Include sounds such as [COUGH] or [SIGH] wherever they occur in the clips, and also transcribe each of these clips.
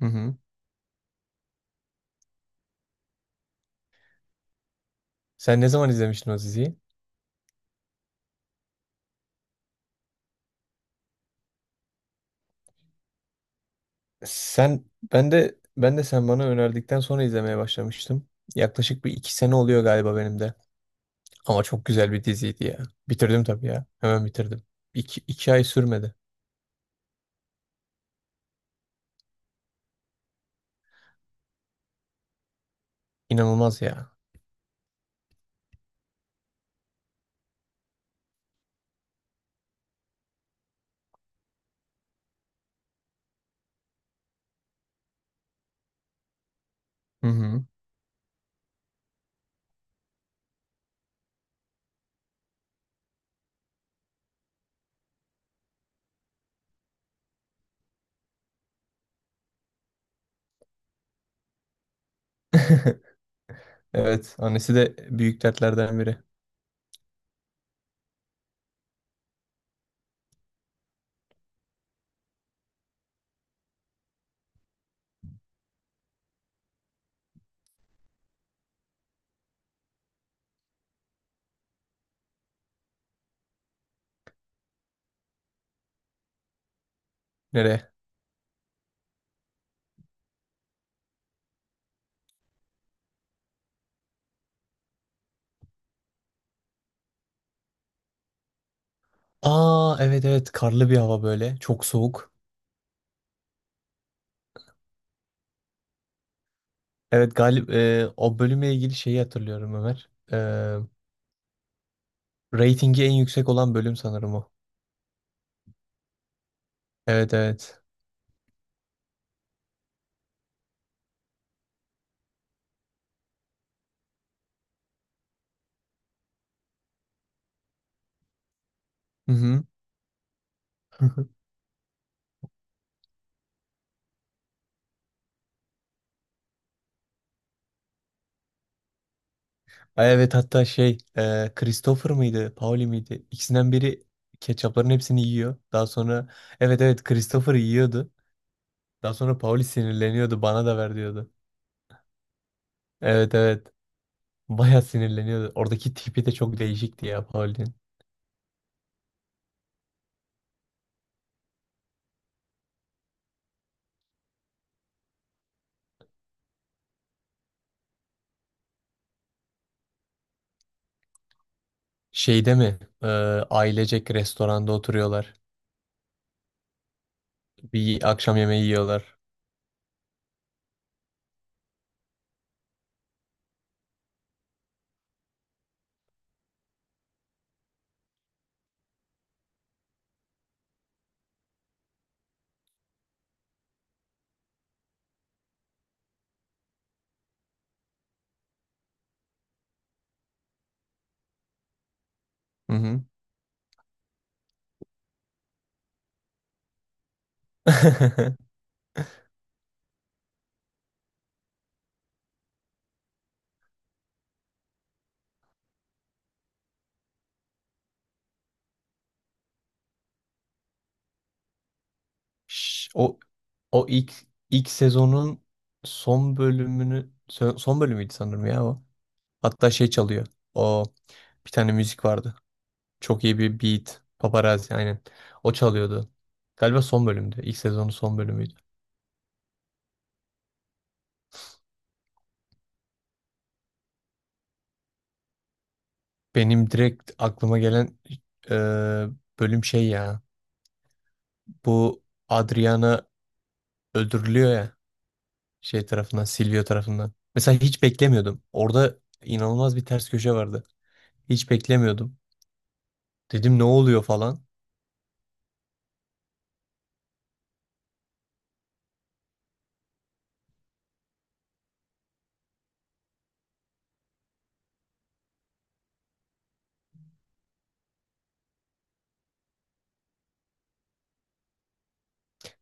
Hı hı. Sen ne zaman izlemiştin o diziyi? Sen ben de ben de sen bana önerdikten sonra izlemeye başlamıştım. Yaklaşık bir iki sene oluyor galiba benim de. Ama çok güzel bir diziydi ya. Bitirdim tabii ya. Hemen bitirdim. İki ay sürmedi. İnanılmaz ya. Hı hı. [LAUGHS] Evet. Annesi de büyük dertlerden biri. Nereye? Aa, evet evet. Karlı bir hava böyle. Çok soğuk. Evet, galip o bölümle ilgili şeyi hatırlıyorum Ömer. Ratingi en yüksek olan bölüm sanırım o. Evet evet. Mhm. [LAUGHS] Ay, evet, hatta şey Christopher mıydı Pauli miydi ikisinden biri ketçapların hepsini yiyor. Daha sonra evet evet Christopher yiyordu. Daha sonra Pauli sinirleniyordu, bana da ver diyordu. Evet evet, baya sinirleniyordu. Oradaki tipi de çok değişikti ya Pauli'nin. Şeyde mi ailecek restoranda oturuyorlar. Bir akşam yemeği yiyorlar. Hı hı. [LAUGHS] O, o ilk, ilk sezonun son bölümünü, son bölümüydü sanırım ya o. Hatta şey çalıyor. O, bir tane müzik vardı. Çok iyi bir beat. Paparazzi, aynen. O çalıyordu. Galiba son bölümdü. İlk sezonun son bölümüydü. Benim direkt aklıma gelen e, bölüm şey ya. Bu Adriana öldürülüyor ya. Şey tarafından, Silvio tarafından. Mesela hiç beklemiyordum. Orada inanılmaz bir ters köşe vardı. Hiç beklemiyordum. Dedim ne oluyor falan.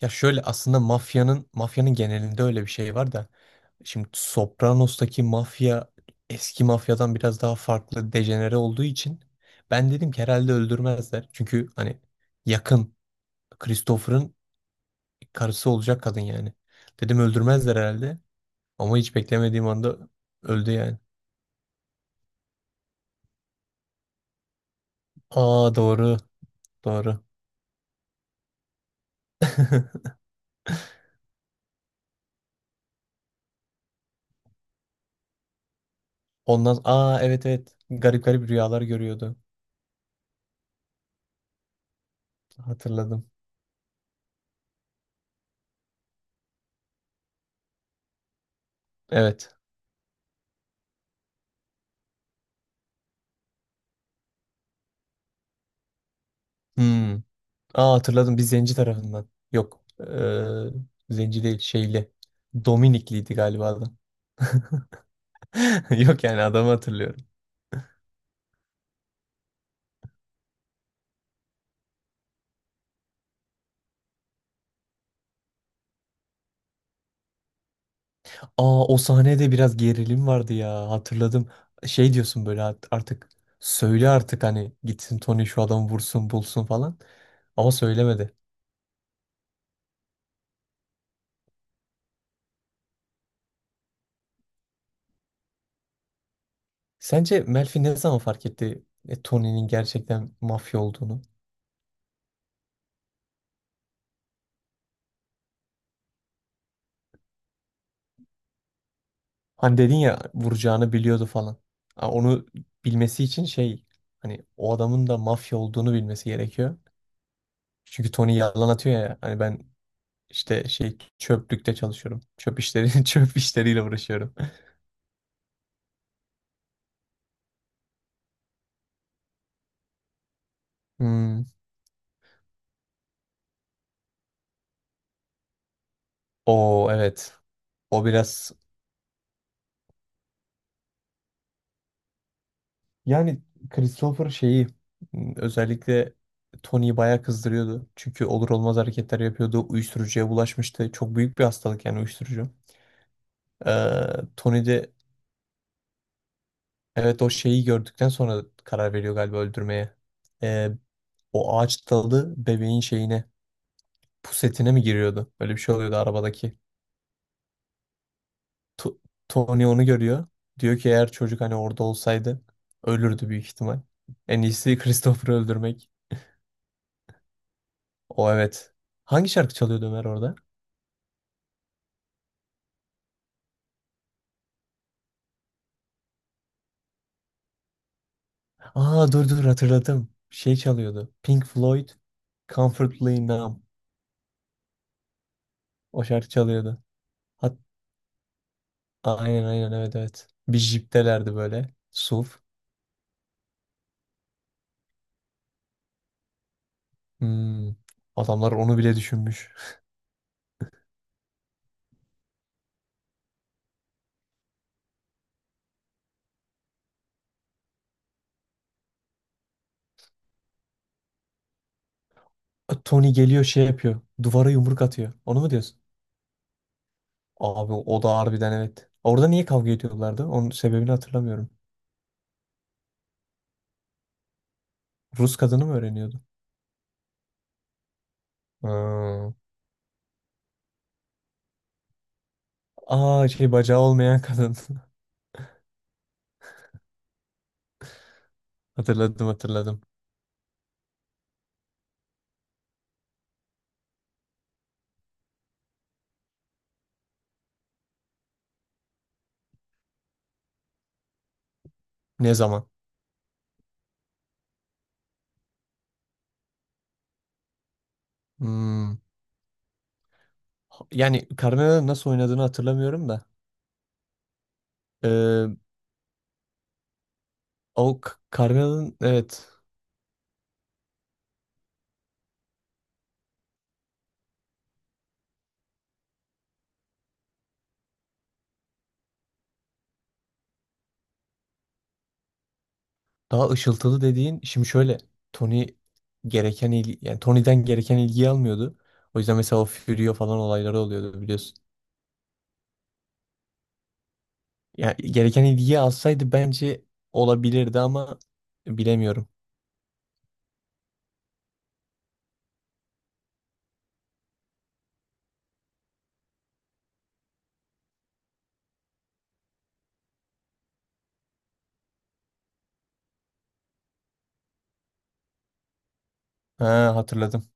Ya şöyle, aslında mafyanın genelinde öyle bir şey var da şimdi Sopranos'taki mafya eski mafyadan biraz daha farklı, dejenere olduğu için ben dedim ki herhalde öldürmezler. Çünkü hani yakın, Christopher'ın karısı olacak kadın yani. Dedim öldürmezler herhalde, ama hiç beklemediğim anda öldü yani. Aa, doğru doğru. [LAUGHS] Ondan, aa evet evet, garip garip rüyalar görüyordu. Hatırladım. Evet. Hmm. Aa, hatırladım, bir zenci tarafından. Yok. Zenci değil, şeyli. Dominikliydi galiba adam. [LAUGHS] Yok, yani adamı hatırlıyorum. Aa, o sahnede biraz gerilim vardı ya, hatırladım. Şey diyorsun böyle, "Artık söyle artık, hani gitsin Tony şu adamı vursun bulsun" falan. Ama söylemedi. Sence Melfi ne zaman fark etti Tony'nin gerçekten mafya olduğunu? Hani dedin ya, vuracağını biliyordu falan. Ha, onu bilmesi için şey, hani o adamın da mafya olduğunu bilmesi gerekiyor. Çünkü Tony yalan atıyor ya, hani ben işte şey, çöplükte çalışıyorum. Çöp işleri [LAUGHS] çöp işleriyle uğraşıyorum. Hmm. O evet. O biraz yani Christopher şeyi, hmm, özellikle Tony'yi bayağı kızdırıyordu. Çünkü olur olmaz hareketler yapıyordu. Uyuşturucuya bulaşmıştı. Çok büyük bir hastalık yani uyuşturucu. Tony de evet, o şeyi gördükten sonra karar veriyor galiba öldürmeye. Ee, o ağaç dalı bebeğin şeyine, pusetine mi giriyordu? Böyle bir şey oluyordu arabadaki. Tu- Tony onu görüyor. Diyor ki eğer çocuk hani orada olsaydı ölürdü büyük ihtimal. En iyisi [LAUGHS] Christopher'ı öldürmek. O evet. Hangi şarkı çalıyordu Ömer orada? Aa, dur dur, hatırladım. Şey çalıyordu, Pink Floyd, Comfortably Numb. O şarkı çalıyordu. Hat aynen aynen, evet evet. Bir jiptelerdi böyle. SUV. Hmm, adamlar onu bile düşünmüş. Tony geliyor şey yapıyor. Duvara yumruk atıyor. Onu mu diyorsun? Abi o da harbiden evet. Orada niye kavga ediyorlardı? Onun sebebini hatırlamıyorum. Rus kadını mı öğreniyordu? Ha. Aa, şey, bacağı olmayan kadın. [LAUGHS] Hatırladım hatırladım. Ne zaman? Hmm. Yani Carmela'nın nasıl oynadığını hatırlamıyorum da. Ee, o Carmela'nın evet. Daha ışıltılı dediğin şimdi şöyle, Tony, gereken ilgi, yani Tony'den gereken ilgiyi almıyordu. O yüzden mesela o Furio falan olayları oluyordu, biliyorsun. Yani gereken ilgiyi alsaydı bence olabilirdi, ama bilemiyorum. Ha, hatırladım.